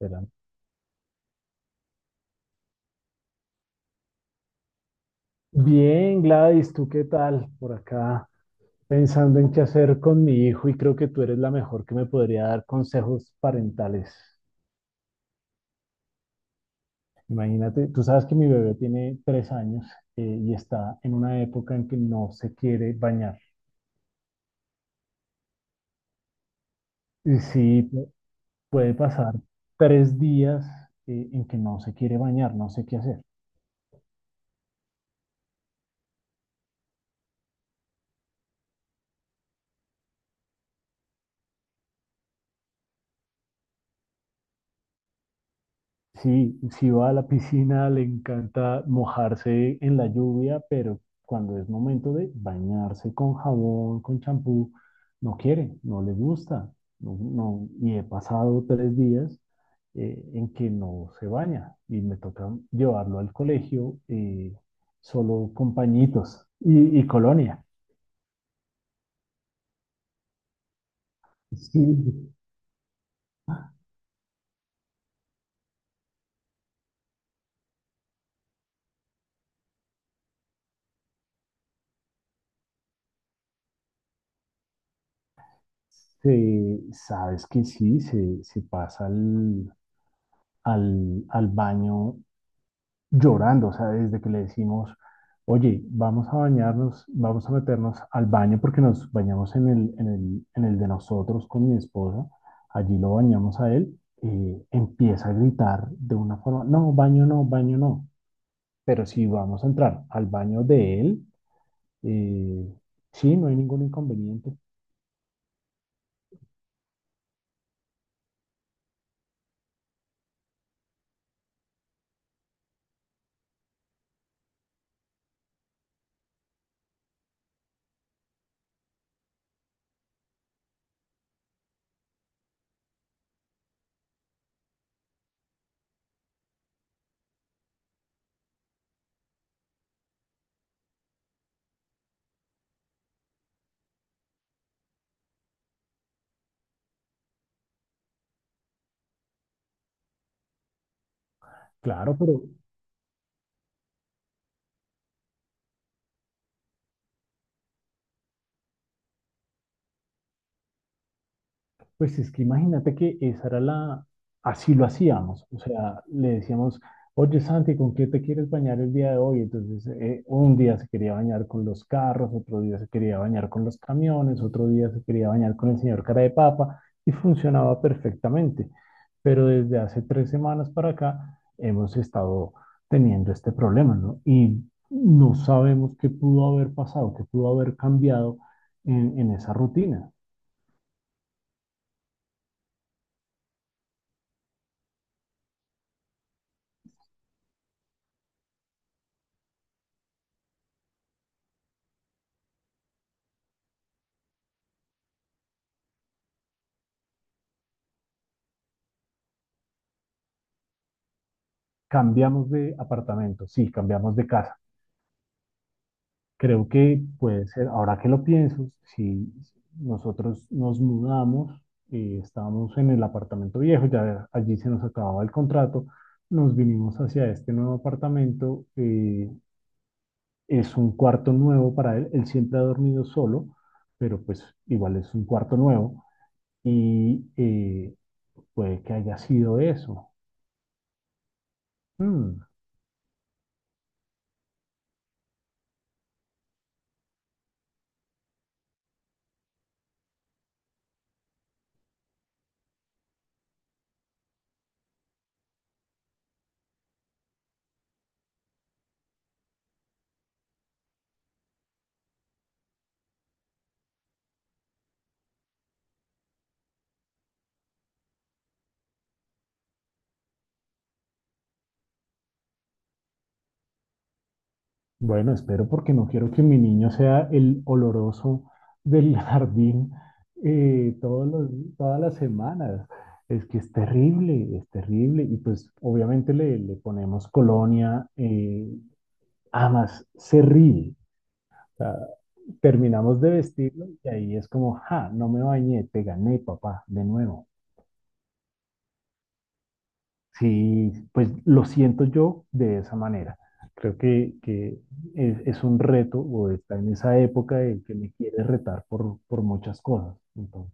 Espera. Bien, Gladys, ¿tú qué tal? Por acá pensando en qué hacer con mi hijo y creo que tú eres la mejor que me podría dar consejos parentales. Imagínate, tú sabes que mi bebé tiene 3 años, y está en una época en que no se quiere bañar. Y sí, puede pasar 3 días, en que no se quiere bañar, no sé qué hacer. Sí, si va a la piscina, le encanta mojarse en la lluvia, pero cuando es momento de bañarse con jabón, con champú, no quiere, no le gusta. Y he pasado 3 días, en que no se baña y me toca llevarlo al colegio solo con pañitos y, colonia. Sí, sabes que sí, se pasa al baño llorando, o sea, desde que le decimos, oye, vamos a bañarnos, vamos a meternos al baño porque nos bañamos en el de nosotros con mi esposa, allí lo bañamos a él, empieza a gritar de una forma, no, baño no, baño no, pero si vamos a entrar al baño de él, eh, sí, no hay ningún inconveniente, claro, pero pues es que imagínate que esa era así lo hacíamos, o sea, le decíamos, oye Santi, ¿con qué te quieres bañar el día de hoy? Entonces, un día se quería bañar con los carros, otro día se quería bañar con los camiones, otro día se quería bañar con el señor cara de papa y funcionaba perfectamente. Pero desde hace 3 semanas para acá hemos estado teniendo este problema, ¿no? Y no sabemos qué pudo haber pasado, qué pudo haber cambiado en esa rutina. Cambiamos de apartamento, sí, cambiamos de casa. Creo que puede ser, ahora que lo pienso, si nosotros nos mudamos, estábamos en el apartamento viejo, ya allí se nos acababa el contrato, nos vinimos hacia este nuevo apartamento, es un cuarto nuevo para él, él siempre ha dormido solo, pero pues igual es un cuarto nuevo y puede que haya sido eso. Mm. Bueno, espero porque no quiero que mi niño sea el oloroso del jardín eh, todos los- todas las semanas. Es que es terrible, es terrible. Y pues obviamente le, le ponemos colonia, amas, cerril. O sea, terminamos de vestirlo y ahí es como, ja, no me bañé, te gané, papá, de nuevo. Sí, pues lo siento yo de esa manera. Creo que es un reto o está en esa época de que me quiere retar por muchas cosas. Entonces,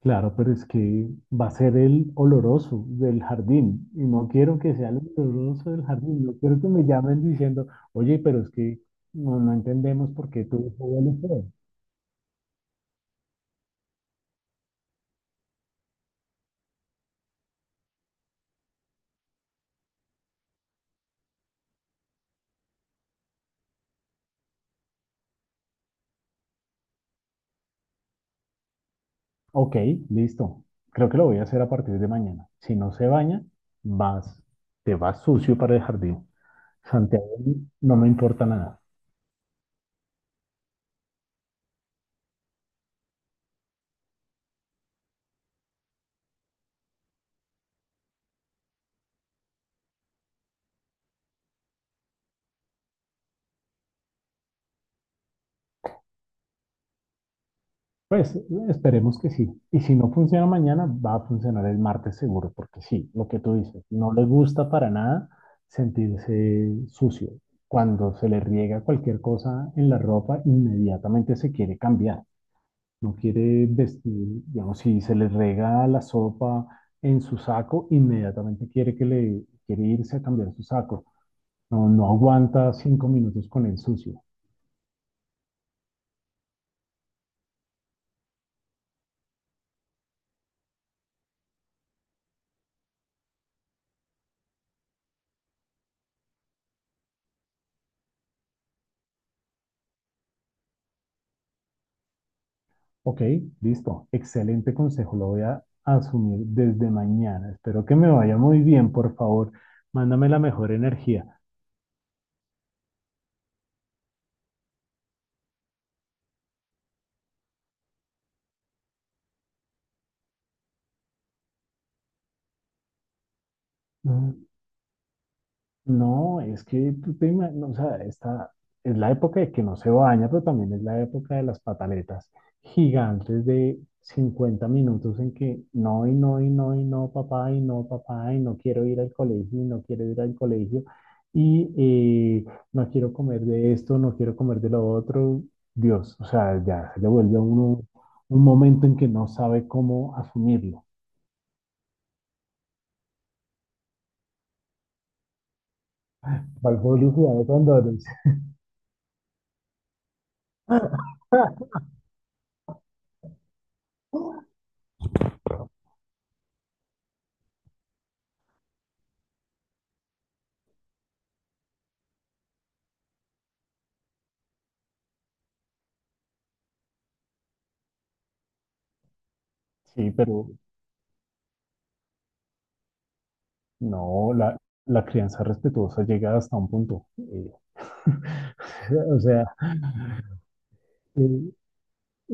claro, pero es que va a ser el oloroso del jardín y no quiero que sea el oloroso del jardín. No quiero que me llamen diciendo, oye, pero es que no, no entendemos por qué tu hijo huele feo". Ok, listo. Creo que lo voy a hacer a partir de mañana. Si no se baña, vas, te vas sucio para el jardín. Santiago no me importa nada. Pues esperemos que sí. Y si no funciona mañana, va a funcionar el martes seguro, porque sí, lo que tú dices, no le gusta para nada sentirse sucio. Cuando se le riega cualquier cosa en la ropa, inmediatamente se quiere cambiar. No quiere vestir, digamos, si se le rega la sopa en su saco, inmediatamente quiere que le quiere irse a cambiar su saco. No, no aguanta 5 minutos con el sucio. Ok, listo. Excelente consejo. Lo voy a asumir desde mañana. Espero que me vaya muy bien, por favor. Mándame la mejor energía. No, es que no, o sea, esta es la época de que no se baña, pero también es la época de las pataletas gigantes de 50 minutos en que no y no y no y no, papá y no, papá y no quiero ir al colegio y no quiero ir al colegio y no quiero comer de esto, no quiero comer de lo otro. Dios, o sea, ya se le vuelve a uno un momento en que no sabe cómo asumirlo. Valgo de cuando sí, pero no, la crianza respetuosa llega hasta un punto. O sea, eh,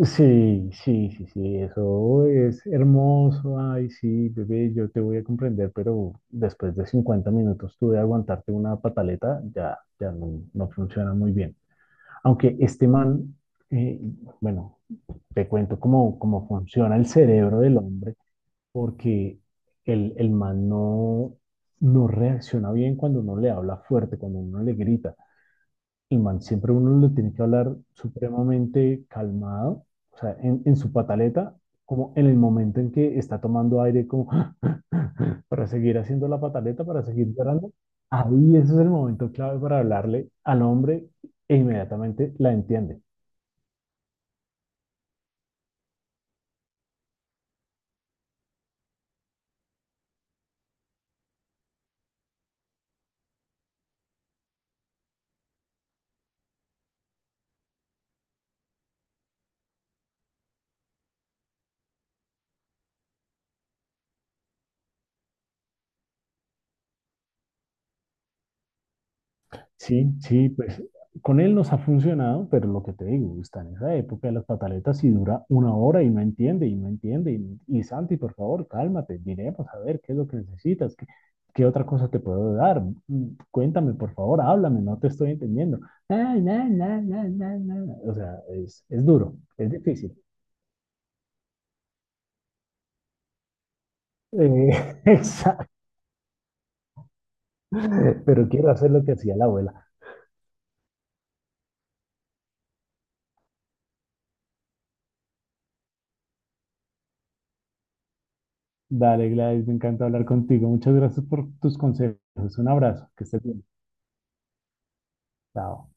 sí, sí, sí, sí, eso es hermoso. Ay, sí, bebé, yo te voy a comprender, pero después de 50 minutos tú de aguantarte una pataleta, ya, ya no, no funciona muy bien. Aunque este man, eh, bueno, te cuento cómo, cómo funciona el cerebro del hombre, porque el man no, no reacciona bien cuando uno le habla fuerte, cuando uno le grita. Y man, siempre uno lo tiene que hablar supremamente calmado, o sea, en su pataleta, como en el momento en que está tomando aire, como para seguir haciendo la pataleta, para seguir llorando. Ahí ese es el momento clave para hablarle al hombre e inmediatamente la entiende. Sí, sí, pues con él nos ha funcionado, pero lo que te digo, está en esa época de las pataletas y dura 1 hora y no entiende y no entiende. Y Santi, por favor, cálmate, miremos a ver qué es lo que necesitas, qué, qué otra cosa te puedo dar. Mm, cuéntame, por favor, háblame, no te estoy entendiendo. Ah, na, na, na, na, na. O sea, es duro, es difícil. Eh, exa- pero quiero hacer lo que hacía la abuela. Dale, Gladys, me encanta hablar contigo. Muchas gracias por tus consejos. Un abrazo, que estés bien. Chao.